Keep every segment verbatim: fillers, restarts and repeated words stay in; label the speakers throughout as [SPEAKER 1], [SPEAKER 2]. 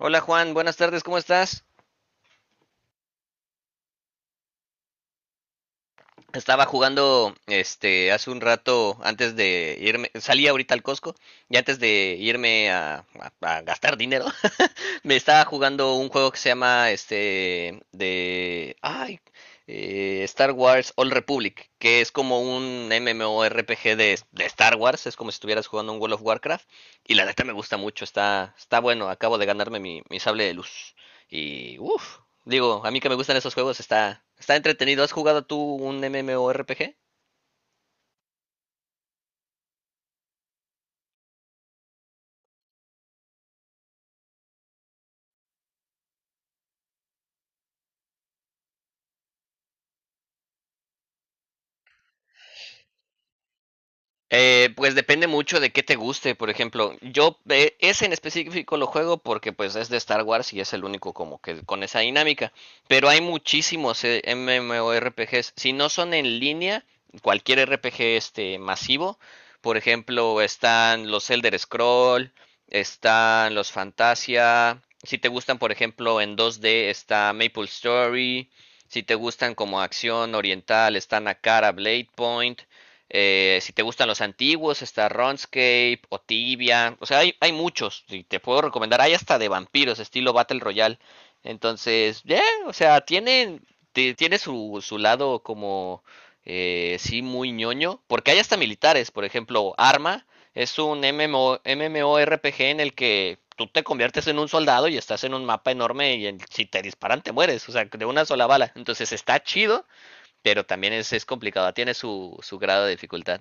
[SPEAKER 1] Hola Juan, buenas tardes, ¿cómo estás? Estaba jugando este hace un rato antes de irme, salí ahorita al Costco y antes de irme a, a- a gastar dinero. Me estaba jugando un juego que se llama este de ay, eh, Star Wars Old Republic, que es como un MMORPG de, de Star Wars, es como si estuvieras jugando un World of Warcraft, y la neta me gusta mucho, está, está bueno, acabo de ganarme mi, mi sable de luz. Y uff, digo, a mí que me gustan esos juegos, está, está entretenido. ¿Has jugado tú un MMORPG? Eh, pues depende mucho de qué te guste, por ejemplo, yo eh, ese en específico lo juego porque pues es de Star Wars y es el único como que con esa dinámica, pero hay muchísimos eh, MMORPGs, si no son en línea, cualquier R P G este masivo, por ejemplo, están los Elder Scroll, están los Fantasia, si te gustan por ejemplo en dos D está Maple Story, si te gustan como acción oriental están Akara Blade Point, eh, si te gustan los antiguos, está Runescape o Tibia. O sea, hay, hay muchos. Y te puedo recomendar. Hay hasta de vampiros, estilo Battle Royale. Entonces, yeah, o sea, tiene, ti- tiene su, su lado como, eh, sí, muy ñoño. Porque hay hasta militares. Por ejemplo, Arma es un M M O, MMORPG en el que tú te conviertes en un soldado y estás en un mapa enorme y en- si te disparan te mueres. O sea, de una sola bala. Entonces está chido, pero también es, es complicado, tiene su, su grado de dificultad.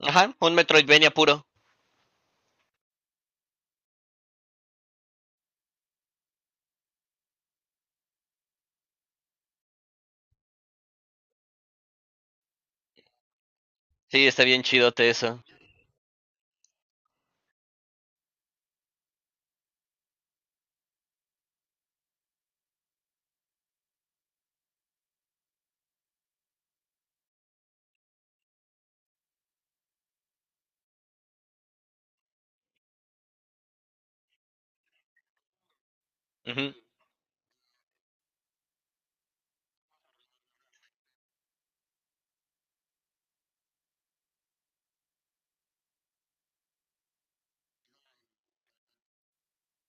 [SPEAKER 1] Ajá, un Metroidvania puro. Sí, está bien chidote eso. Ujú.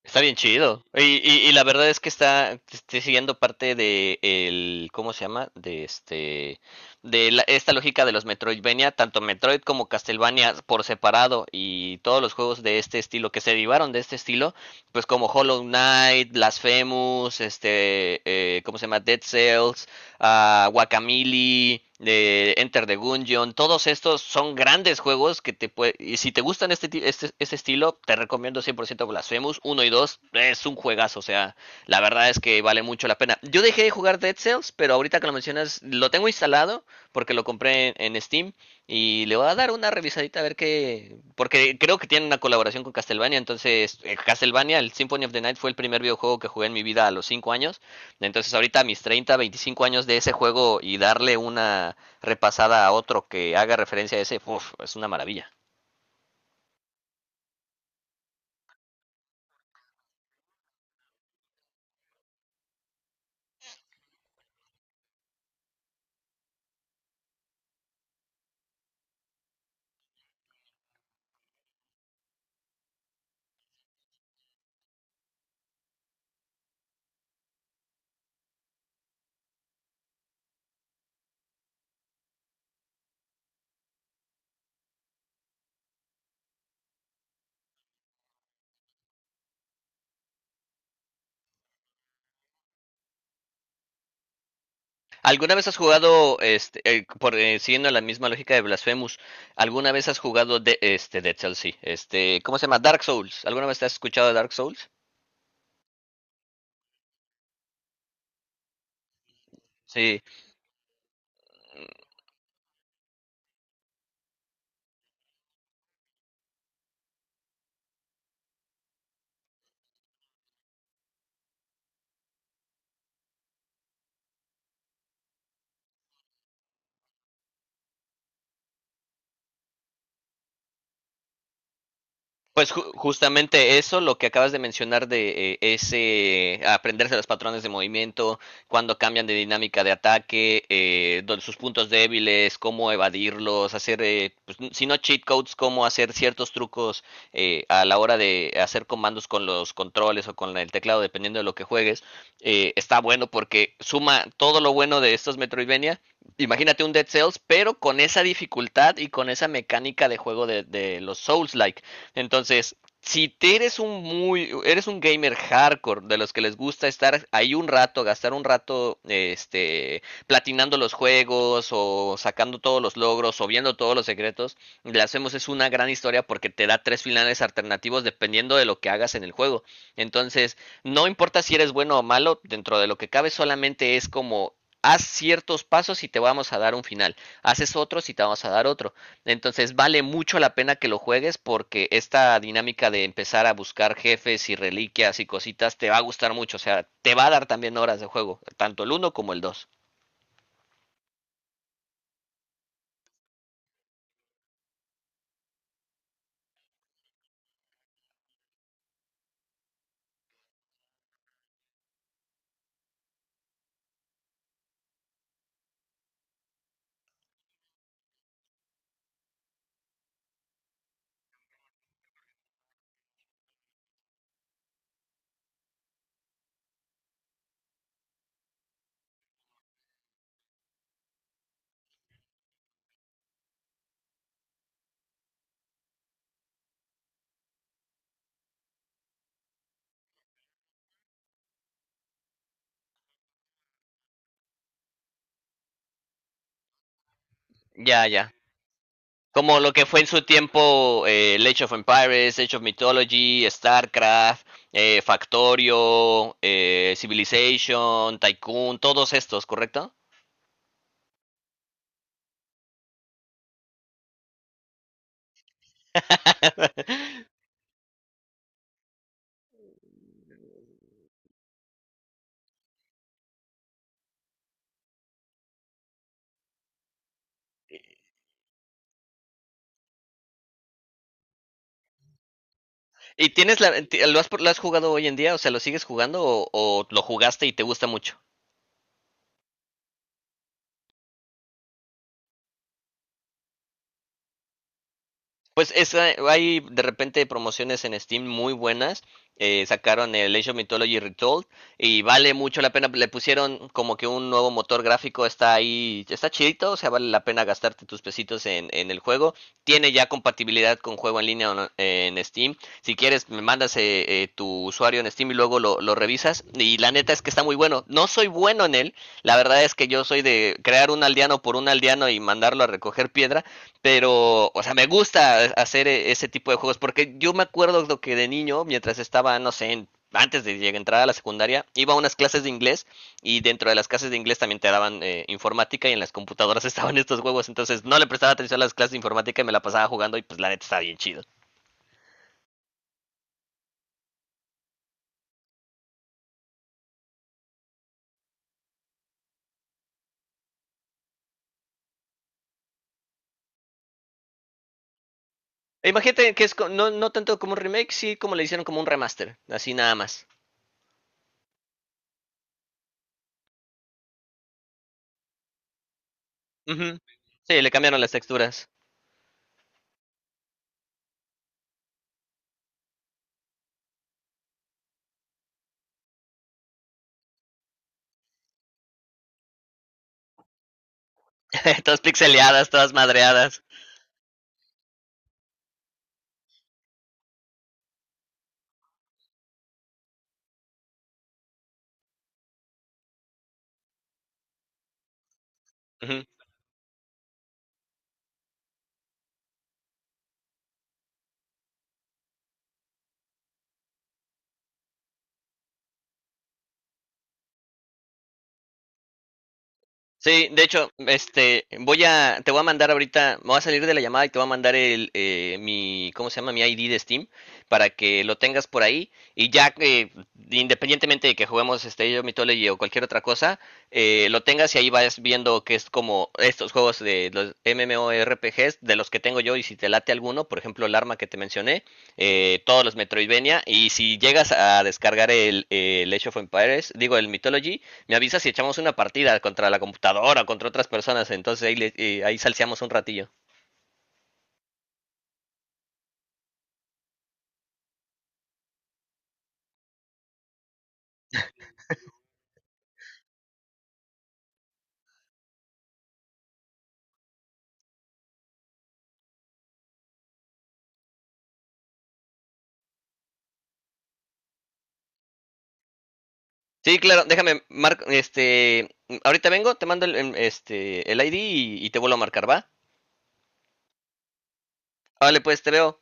[SPEAKER 1] Está bien chido. Y, y- y la verdad es que está estoy siguiendo parte de el, ¿cómo se llama? De este de la- esta lógica de los Metroidvania, tanto Metroid como Castlevania por separado y todos los juegos de este estilo que se derivaron de este estilo, pues como Hollow Knight, Blasphemous, este, eh, ¿cómo se llama? Dead Cells, a Guacamili, de Enter the Gungeon, todos estos son grandes juegos que te puede, y si te gustan este, este, este estilo, te recomiendo cien por ciento Blasphemous uno y dos, es un juegazo, o sea, la verdad es que vale mucho la pena. Yo dejé de jugar Dead Cells, pero ahorita que lo mencionas, lo tengo instalado porque lo compré en, en Steam y le voy a dar una revisadita a ver qué, porque creo que tiene una colaboración con Castlevania. Entonces eh, Castlevania, el Symphony of the Night fue el primer videojuego que jugué en mi vida a los cinco años, entonces ahorita a mis treinta, veinticinco años de ese juego y darle una repasada a otro que haga referencia a ese, uf, es una maravilla. ¿Alguna vez has jugado, este, eh, por, eh, siguiendo la misma lógica de Blasphemous, alguna vez has jugado de, este, Dead Cells, sí, este, ¿cómo se llama? Dark Souls. ¿Alguna vez te has escuchado de Dark Souls? Sí. Pues ju- justamente eso, lo que acabas de mencionar de eh, ese aprenderse los patrones de movimiento, cuando cambian de dinámica de ataque, eh, don- sus puntos débiles, cómo evadirlos, hacer, eh, pues, si no cheat codes, cómo hacer ciertos trucos eh, a la hora de hacer comandos con los controles o con el teclado, dependiendo de lo que juegues. Eh, está bueno porque suma todo lo bueno de estos Metroidvania. Imagínate un Dead Cells, pero con esa dificultad y con esa mecánica de juego de, de los Souls-like. Entonces, si te eres un muy, eres un gamer hardcore, de los que les gusta estar ahí un rato, gastar un rato, este, platinando los juegos o sacando todos los logros o viendo todos los secretos, le hacemos, es una gran historia porque te da tres finales alternativos dependiendo de lo que hagas en el juego. Entonces, no importa si eres bueno o malo, dentro de lo que cabe solamente es como haz ciertos pasos y te vamos a dar un final, haces otros y te vamos a dar otro. Entonces vale mucho la pena que lo juegues, porque esta dinámica de empezar a buscar jefes y reliquias y cositas te va a gustar mucho. O sea, te va a dar también horas de juego, tanto el uno como el dos. Ya, ya. Como lo que fue en su tiempo eh, Age of Empires, Age of Mythology, StarCraft, eh, Factorio, eh, Civilization, Tycoon, todos estos, ¿correcto? ¿Y tienes la, lo, has, lo has jugado hoy en día? O sea, ¿lo sigues jugando o, o lo jugaste y te gusta mucho? Pues es, eh, hay de repente promociones en Steam muy buenas. Eh, sacaron el Age of Mythology Retold y vale mucho la pena. Le pusieron como que un nuevo motor gráfico. Está ahí, está chidito. O sea, vale la pena gastarte tus pesitos en, en, el juego. Tiene ya compatibilidad con juego en línea o no- en Steam. Si quieres, me mandas eh, eh, tu usuario en Steam y luego lo, lo revisas. Y la neta es que está muy bueno. No soy bueno en él. La verdad es que yo soy de crear un aldeano por un aldeano y mandarlo a recoger piedra, pero, o sea, me gusta e-, hacer e-, ese tipo de juegos, porque yo me acuerdo lo que de niño, mientras estaba, no sé, en- antes de llegar- entrar a la secundaria, iba a unas clases de inglés y dentro de las clases de inglés también te daban eh, informática, y en las computadoras estaban estos juegos. Entonces no le prestaba atención a las clases de informática y me la pasaba jugando, y pues la neta estaba bien chido. E imagínate que es co- no, no tanto como un remake, sí como le hicieron como un remaster, así nada más. Ujú. Sí, le cambiaron las texturas. Todas pixeleadas, todas madreadas. Ujú. Sí, de hecho, este, voy a, te voy a mandar ahorita, me voy a salir de la llamada y te voy a mandar el, eh, mi, ¿cómo se llama? Mi I D de Steam, para que lo tengas por ahí. Y ya que, independientemente de que juguemos este yo Mythology o cualquier otra cosa, eh, lo tengas, y ahí vas viendo que es como estos juegos de los MMORPGs de los que tengo yo, y si te late alguno, por ejemplo el arma que te mencioné, eh, todos los Metroidvania. Y si llegas a descargar el, el Age of Empires, digo el Mythology, me avisa si echamos una partida contra la computadora o contra otras personas. Entonces ahí, le- eh, ahí salseamos un ratillo. Sí, claro, déjame, Marco, este, ahorita vengo, te mando el, em, este, el I D, y, y te vuelvo a marcar, ¿va? Vale, pues te veo.